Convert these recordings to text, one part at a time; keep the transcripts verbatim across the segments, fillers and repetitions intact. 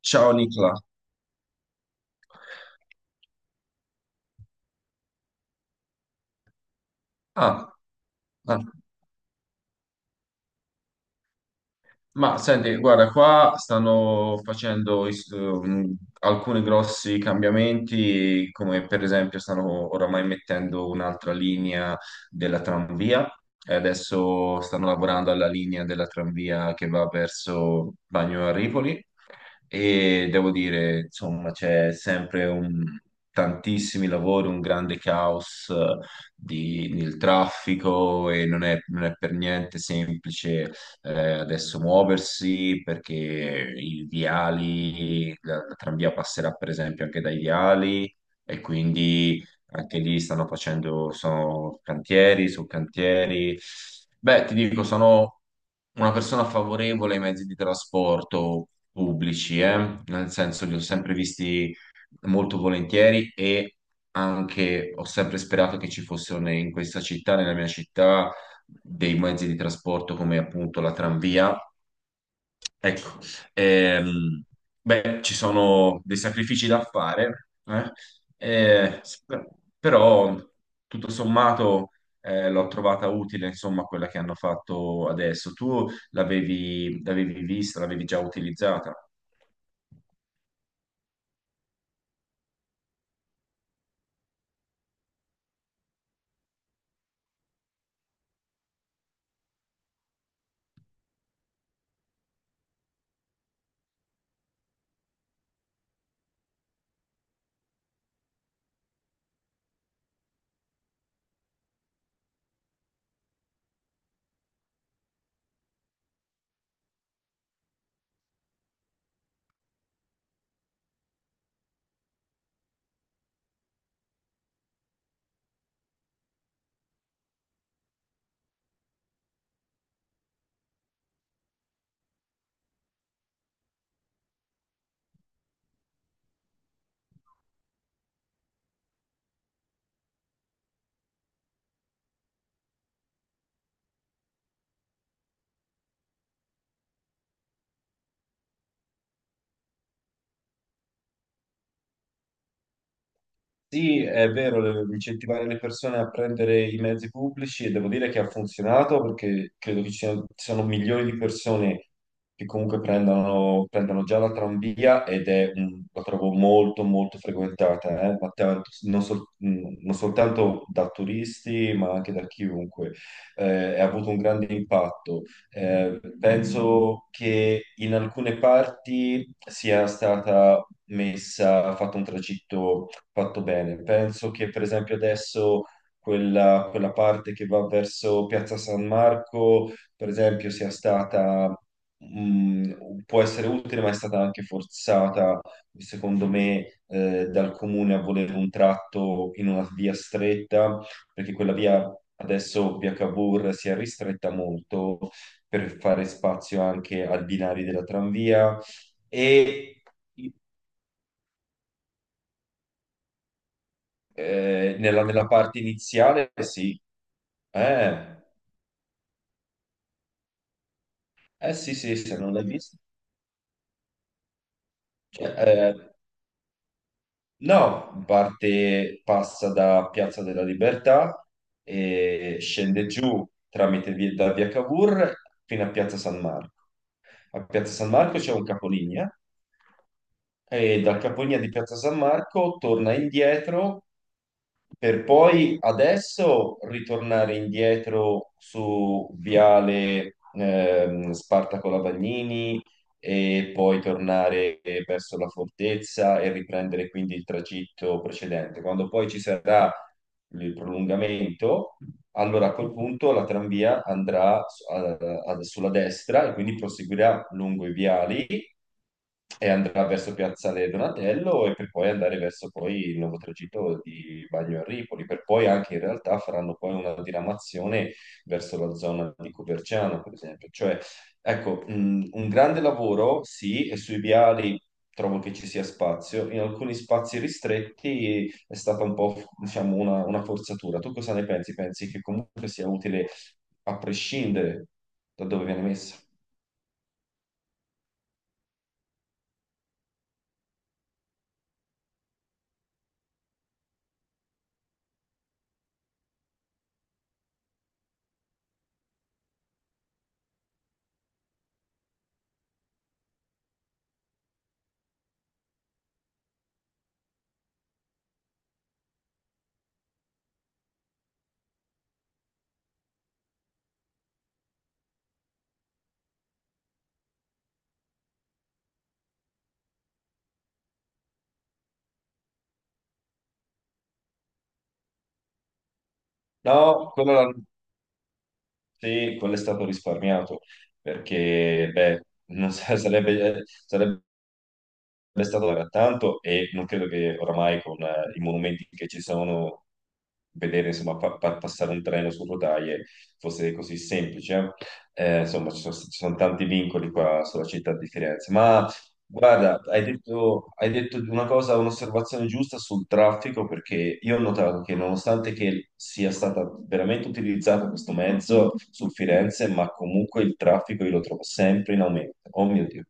Ciao Nicola. Ah, ah, Ma senti, guarda, qua stanno facendo is- ehm, alcuni grossi cambiamenti, come per esempio stanno oramai mettendo un'altra linea della tranvia e adesso stanno lavorando alla linea della tranvia che va verso Bagno a Ripoli, e devo dire, insomma, c'è sempre un- tantissimi lavori, un grande caos, eh, di- nel traffico, e non è, non è per niente semplice, eh, adesso, muoversi, perché i viali, la, la tranvia passerà per esempio anche dai viali, e quindi anche lì stanno facendo, sono cantieri su cantieri. Beh, ti dico, sono una persona favorevole ai mezzi di trasporto pubblici, eh, Nel senso li ho sempre visti molto volentieri, e anche ho sempre sperato che ci fossero, ne- in questa città, nella mia città, dei mezzi di trasporto come appunto la tranvia. Ecco, ehm, beh, ci sono dei sacrifici da fare, eh, eh, sp- però tutto sommato eh, l'ho trovata utile, insomma, quella che hanno fatto adesso. Tu l'avevi l'avevi vista, l'avevi già utilizzata? Sì, è vero, le- incentivare le persone a prendere i mezzi pubblici, e devo dire che ha funzionato, perché credo che ci siano, ci sono milioni di persone che comunque prendono, prendono già la tranvia, ed è, un- la trovo molto molto frequentata, eh, ma tanto- non, sol- mh, non soltanto da turisti, ma anche da chiunque. Eh, ha avuto un grande impatto. Eh, penso che in alcune parti sia stata messa, fatto un tragitto fatto bene. Penso che per esempio adesso quella, quella parte che va verso Piazza San Marco, per esempio, sia stata, mh, può essere utile, ma è stata anche forzata, secondo me, eh, dal comune, a volere un tratto in una via stretta, perché quella via adesso, via Cavour, si è ristretta molto per fare spazio anche ai binari della tranvia e. Eh, nella, nella parte iniziale, sì. eh, eh, sì, sì, se non l'hai visto. Cioè, eh, no, parte, passa da Piazza della Libertà e scende giù tramite via, da via Cavour, fino a Piazza San Marco. A Piazza San Marco c'è un capolinea, e da Capolinea di Piazza San Marco torna indietro per poi adesso ritornare indietro su Viale ehm, Spartaco Lavagnini, e poi tornare verso la fortezza e riprendere quindi il tragitto precedente. Quando poi ci sarà il prolungamento, allora, a quel punto, la tranvia andrà su- a- a- sulla destra, e quindi proseguirà lungo i viali, e andrà verso Piazzale Donatello, e per poi andare verso poi il nuovo tragitto di Bagno a Ripoli, per poi anche in realtà faranno poi una diramazione verso la zona di Coverciano, per esempio, cioè. Ecco, mh, un grande lavoro, sì, e sui viali trovo che ci sia spazio. In alcuni spazi ristretti è stata un po', diciamo, una, una forzatura. Tu cosa ne pensi? Pensi che comunque sia utile a prescindere da dove viene messa? No, quello, l'ha- sì, quello è stato risparmiato, perché, beh, non sa- sarebbe, eh, sarebbe è stato da tanto, e non credo che oramai, con eh, i monumenti che ci sono, vedere insomma pa- pa- passare un treno su rotaie fosse così semplice. Eh, eh, insomma, ci sono, ci sono tanti vincoli qua sulla città di Firenze. Ma guarda, hai detto, hai detto una cosa, un'osservazione giusta sul traffico, perché io ho notato che, nonostante che sia stato veramente utilizzato questo mezzo su Firenze, ma comunque il traffico io lo trovo sempre in aumento. Oh mio Dio,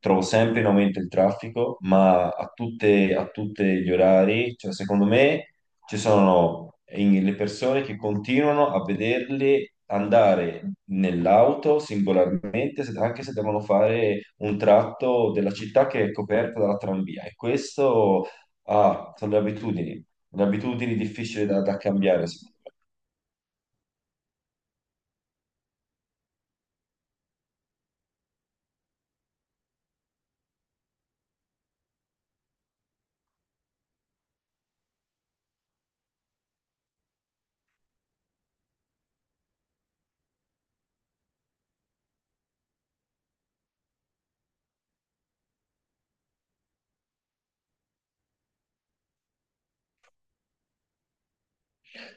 trovo sempre in aumento il traffico, ma a tutte, a tutti gli orari, cioè, secondo me, ci sono, in- le persone che continuano a vederli andare nell'auto singolarmente, se- anche se devono fare un tratto della città che è coperta dalla tranvia. E questo, ah, sono le abitudini, le abitudini difficili da, da cambiare, secondo me.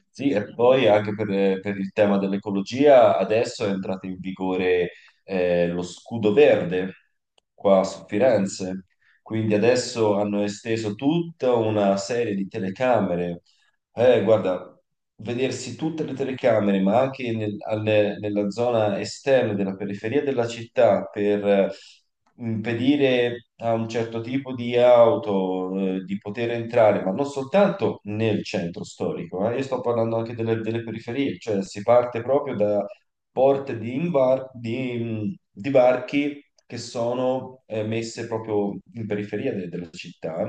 Sì, e poi anche per, per il tema dell'ecologia, adesso è entrato in vigore eh, lo scudo verde qua su Firenze, quindi adesso hanno esteso tutta una serie di telecamere. Eh, guarda, vedersi tutte le telecamere, ma anche nel- alle- nella zona esterna della periferia della città, per eh, impedire a un certo tipo di auto, eh, di poter entrare, ma non soltanto nel centro storico, eh, io sto parlando anche delle, delle periferie, cioè si parte proprio da porte di, imbar- di, di varchi che sono eh, messe proprio in periferia de- della città.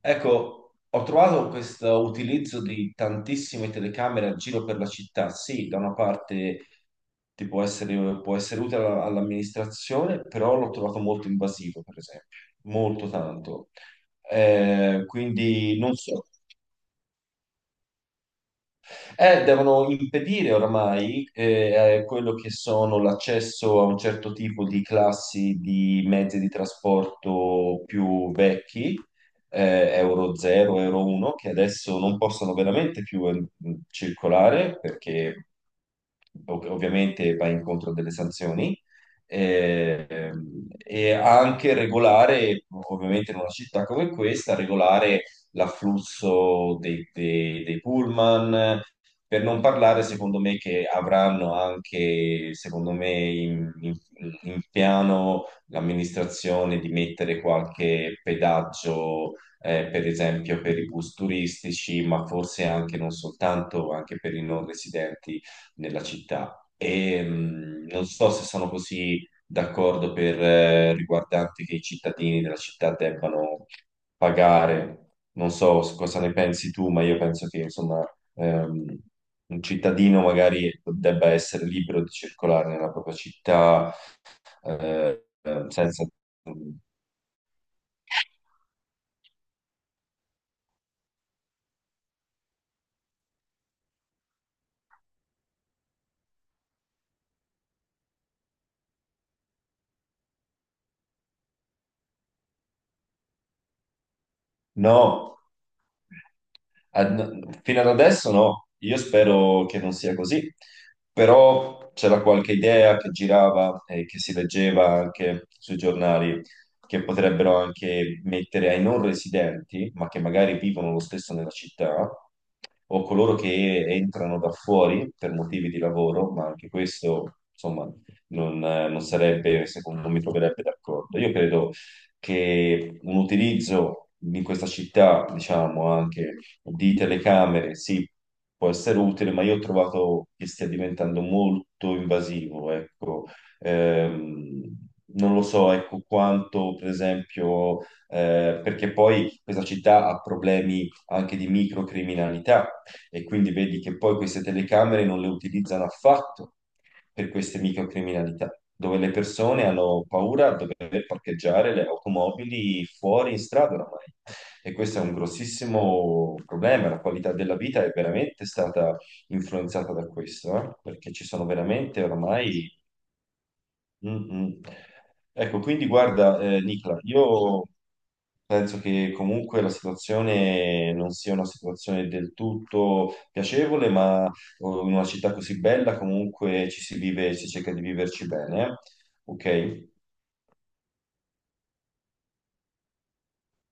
Ecco, ho trovato questo utilizzo di tantissime telecamere a giro per la città. Sì, da una parte ti può essere, può essere utile alla- all'amministrazione, però l'ho trovato molto invasivo, per esempio, molto tanto. Eh, quindi non so. Eh, devono impedire oramai, eh, eh, quello che sono l'accesso a un certo tipo di classi di mezzi di trasporto più vecchi, eh, Euro zero, Euro uno, che adesso non possono veramente più eh, circolare, perché ov- ovviamente va incontro a delle sanzioni. Eh, ehm, e anche regolare, ovviamente, in una città come questa, regolare l'afflusso dei, dei, dei pullman, per non parlare, secondo me, che avranno anche, secondo me, in, in- in piano l'amministrazione di mettere qualche pedaggio, eh, per esempio, per i bus turistici, ma forse anche non soltanto, anche per i non residenti nella città. E, mh, non so se sono così d'accordo per, eh, riguardante, che i cittadini della città debbano pagare. Non so cosa ne pensi tu, ma io penso che, insomma, ehm, un cittadino magari debba essere libero di circolare nella propria città eh, eh, senza. No, ad- fino ad adesso, no. Io spero che non sia così, però c'era qualche idea che girava e che si leggeva anche sui giornali, che potrebbero anche mettere ai non residenti, ma che magari vivono lo stesso nella città, o coloro che entrano da fuori per motivi di lavoro, ma anche questo, insomma, non, eh, non sarebbe, secondo me, mi troverebbe d'accordo. Io credo che un utilizzo in questa città, diciamo, anche di telecamere, sì, può essere utile, ma io ho trovato che stia diventando molto invasivo, ecco. Ehm, Non lo so, ecco, quanto, per esempio, eh, perché poi questa città ha problemi anche di microcriminalità, e quindi vedi che poi queste telecamere non le utilizzano affatto per queste microcriminalità, dove le persone hanno paura di dover parcheggiare le automobili fuori in strada oramai. E questo è un grossissimo problema, la qualità della vita è veramente stata influenzata da questo, eh, Perché ci sono veramente oramai. Mm, mm. Ecco, quindi guarda, eh, Nicola, io penso che comunque la situazione non sia una situazione del tutto piacevole, ma, oh, in una città così bella comunque ci si vive, si cerca di viverci bene, eh. Ok?